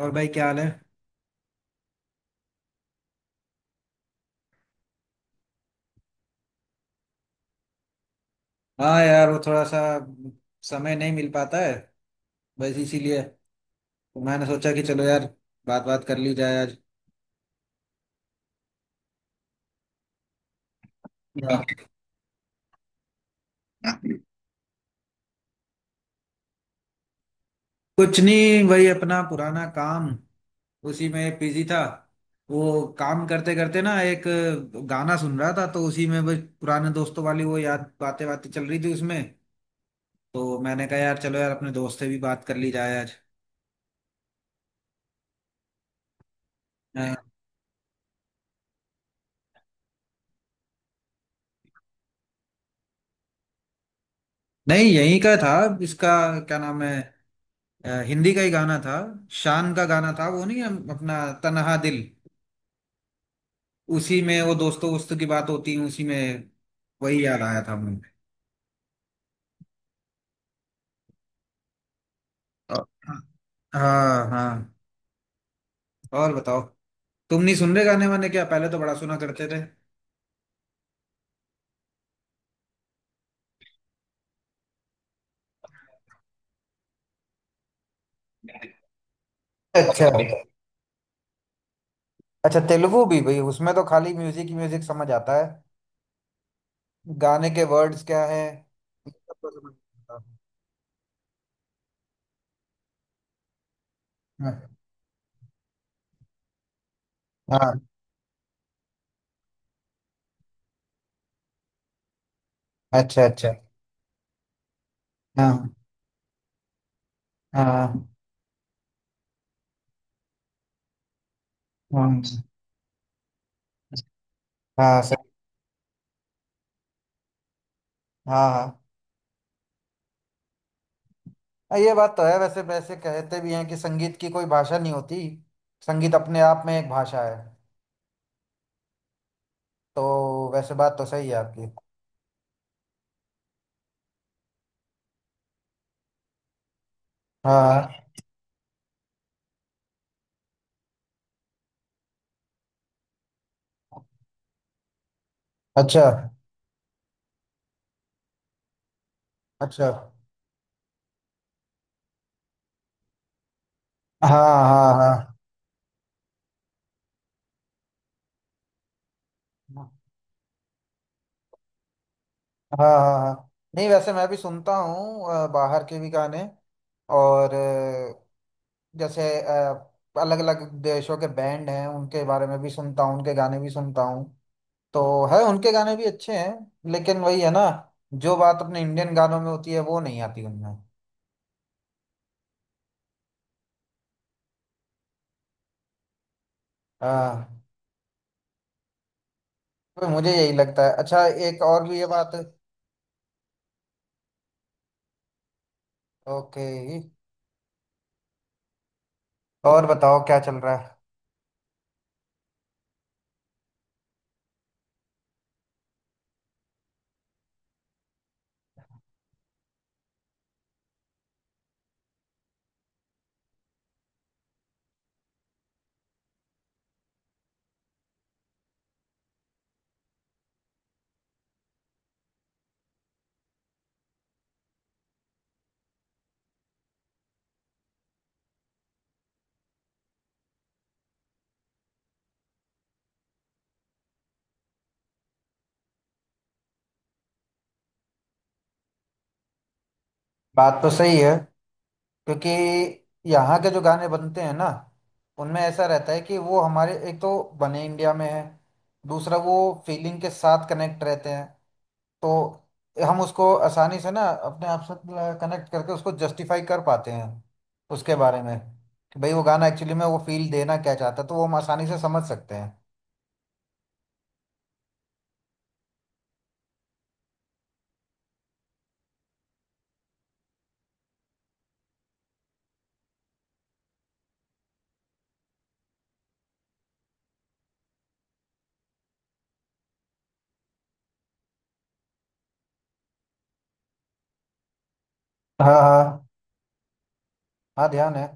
और भाई क्या हाल है। हाँ यार, वो थोड़ा सा समय नहीं मिल पाता है, बस इसीलिए तो मैंने सोचा कि चलो यार, बात बात कर ली जाए आज। हाँ। कुछ नहीं वही अपना पुराना काम, उसी में बिजी था। वो काम करते करते ना एक गाना सुन रहा था तो उसी में बस पुराने दोस्तों वाली वो याद बातें बातें चल रही थी उसमें, तो मैंने कहा यार चलो यार अपने दोस्त से भी बात कर ली जाए आज। हाँ। नहीं यहीं का था। इसका क्या नाम है, हिंदी का ही गाना था। शान का गाना था वो, नहीं हम अपना तन्हा दिल, उसी में वो दोस्तों वोस्तों की बात होती है उसी में। वही याद आया था मुझे। अ, हाँ हाँ, और बताओ। तुम नहीं सुन रहे गाने वाने क्या, पहले तो बड़ा सुना करते थे। अच्छा, अच्छा तेलुगु भी भाई, उसमें तो खाली म्यूजिक ही म्यूजिक समझ आता है। गाने के वर्ड्स क्या है ये सब तो समझ नहीं आता। हाँ, हाँ, अच्छा अच्छा। हाँ हाँ हाँ। हाँ सही। हाँ हाँ हाँ, ये बात तो है वैसे, वैसे कहते भी हैं कि संगीत की कोई भाषा नहीं होती, संगीत अपने आप में एक भाषा है। तो वैसे बात तो सही है आपकी। हाँ। अच्छा, अच्छा। हाँ हाँ हाँ। हाँ हाँ हाँ। नहीं वैसे मैं भी सुनता हूँ बाहर के भी गाने, और जैसे अलग अलग देशों के बैंड हैं उनके बारे में भी सुनता हूँ, उनके गाने भी सुनता हूँ। तो है, उनके गाने भी अच्छे हैं, लेकिन वही है ना, जो बात अपने इंडियन गानों में होती है वो नहीं आती उनमें। हाँ, तो मुझे यही लगता है। अच्छा एक और भी ये बात है। ओके, और बताओ क्या चल रहा है। बात तो सही है, क्योंकि यहाँ के जो गाने बनते हैं ना, उनमें ऐसा रहता है कि वो हमारे, एक तो बने इंडिया में है, दूसरा वो फीलिंग के साथ कनेक्ट रहते हैं। तो हम उसको आसानी से ना अपने आप से कनेक्ट करके उसको जस्टिफाई कर पाते हैं उसके बारे में, कि भाई वो गाना एक्चुअली में वो फील देना क्या चाहता है, तो वो हम आसानी से समझ सकते हैं। हाँ हाँ, हाँ ध्यान है।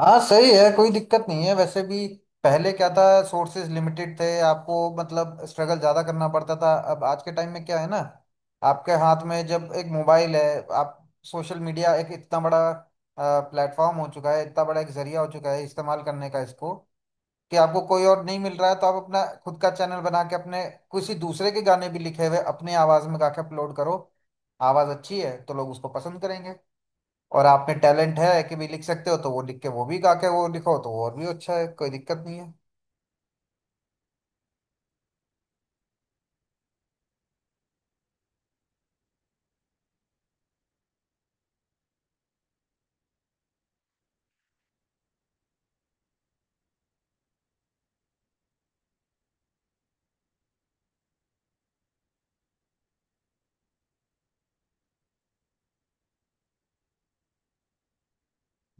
हाँ सही है, कोई दिक्कत नहीं है। वैसे भी पहले क्या था, सोर्सेज लिमिटेड थे आपको, मतलब स्ट्रगल ज़्यादा करना पड़ता था। अब आज के टाइम में क्या है ना, आपके हाथ में जब एक मोबाइल है, आप, सोशल मीडिया एक इतना बड़ा प्लेटफॉर्म हो चुका है, इतना बड़ा एक जरिया हो चुका है इस्तेमाल करने का, इसको कि आपको कोई और नहीं मिल रहा है तो आप अपना खुद का चैनल बना के अपने किसी दूसरे के गाने भी लिखे हुए अपने आवाज़ में गा के अपलोड करो। आवाज़ अच्छी है तो लोग उसको पसंद करेंगे, और आप में टैलेंट है कि भी लिख सकते हो तो वो लिख के वो भी गा के वो लिखो तो और भी अच्छा है। कोई दिक्कत नहीं है।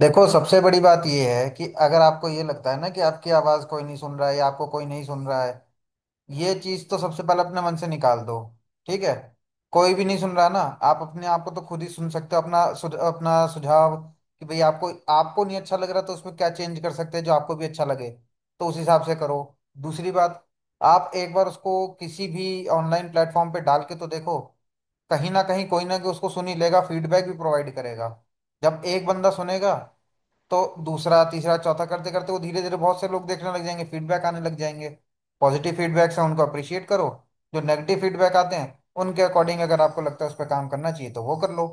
देखो सबसे बड़ी बात ये है कि अगर आपको ये लगता है ना कि आपकी आवाज़ कोई नहीं सुन रहा है, या आपको कोई नहीं सुन रहा है, ये चीज़ तो सबसे पहले अपने मन से निकाल दो। ठीक है। कोई भी नहीं सुन रहा ना, आप अपने आप को तो खुद ही सुन सकते हो, अपना अपना सुझाव, कि भाई आपको आपको नहीं अच्छा लग रहा तो उसमें क्या चेंज कर सकते हैं जो आपको भी अच्छा लगे, तो उस हिसाब से करो। दूसरी बात, आप एक बार उसको किसी भी ऑनलाइन प्लेटफॉर्म पे डाल के तो देखो, कहीं ना कहीं कोई ना कोई उसको सुन ही लेगा, फीडबैक भी प्रोवाइड करेगा। जब एक बंदा सुनेगा तो दूसरा तीसरा चौथा करते करते वो धीरे धीरे बहुत से लोग देखने लग जाएंगे, फीडबैक आने लग जाएंगे। पॉजिटिव फीडबैक्स हैं उनको अप्रिशिएट करो, जो नेगेटिव फीडबैक आते हैं उनके अकॉर्डिंग अगर आपको लगता है उस पर काम करना चाहिए तो वो कर लो।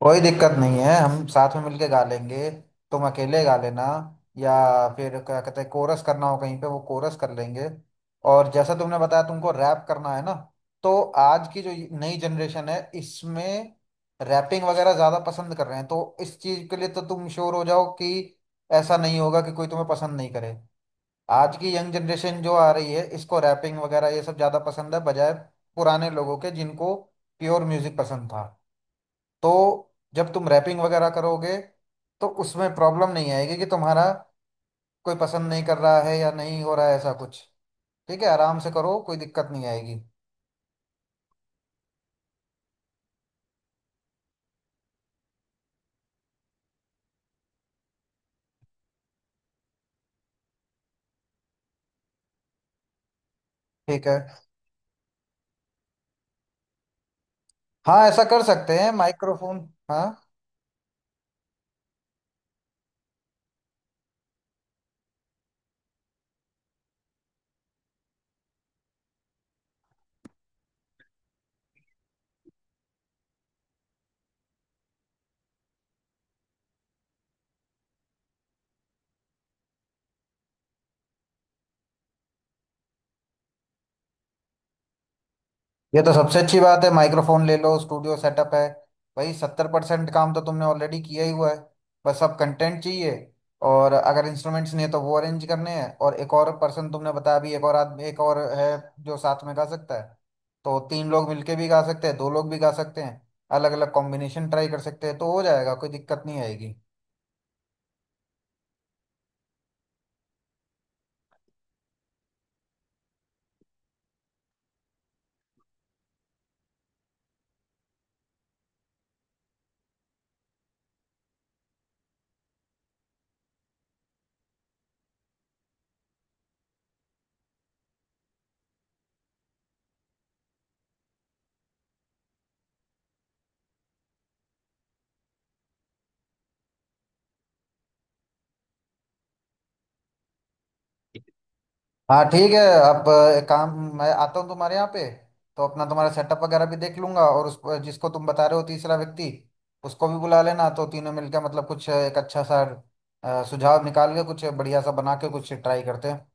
कोई दिक्कत नहीं है, हम साथ में मिलके गा लेंगे। तुम अकेले गा लेना, या फिर क्या कहते हैं कोरस करना हो कहीं पे, वो कोरस कर लेंगे। और जैसा तुमने बताया तुमको रैप करना है ना, तो आज की जो नई जनरेशन है इसमें रैपिंग वगैरह ज़्यादा पसंद कर रहे हैं, तो इस चीज़ के लिए तो तुम श्योर हो जाओ कि ऐसा नहीं होगा कि कोई तुम्हें पसंद नहीं करे। आज की यंग जनरेशन जो आ रही है इसको रैपिंग वगैरह ये सब ज़्यादा पसंद है, बजाय पुराने लोगों के, जिनको प्योर म्यूज़िक पसंद था। तो जब तुम रैपिंग वगैरह करोगे तो उसमें प्रॉब्लम नहीं आएगी कि तुम्हारा कोई पसंद नहीं कर रहा है या नहीं हो रहा है, ऐसा कुछ। ठीक है, आराम से करो, कोई दिक्कत नहीं आएगी। ठीक है। हाँ ऐसा कर सकते हैं, माइक्रोफोन। हाँ, ये तो सबसे अच्छी बात है, माइक्रोफोन ले लो, स्टूडियो सेटअप है, भाई 70% काम तो तुमने ऑलरेडी किया ही हुआ है। बस अब कंटेंट चाहिए, और अगर इंस्ट्रूमेंट्स नहीं है तो वो अरेंज करने हैं। और एक और पर्सन तुमने बताया अभी, एक और आदमी एक और है जो साथ में गा सकता है, तो तीन लोग मिलके भी गा सकते हैं, दो लोग भी गा सकते हैं। अलग अलग कॉम्बिनेशन ट्राई कर सकते हैं, तो हो जाएगा, कोई दिक्कत नहीं आएगी। हाँ ठीक है। आप एक काम, मैं आता हूँ तुम्हारे यहाँ पे, तो अपना तुम्हारा सेटअप वगैरह भी देख लूंगा, और उस, जिसको तुम बता रहे हो तीसरा व्यक्ति, उसको भी बुला लेना, तो तीनों मिलकर मतलब कुछ एक अच्छा सा सुझाव निकाल के कुछ बढ़िया सा बना के कुछ ट्राई करते हैं।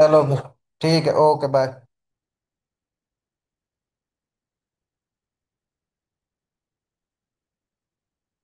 चलो फिर, ठीक है, ओके बाय।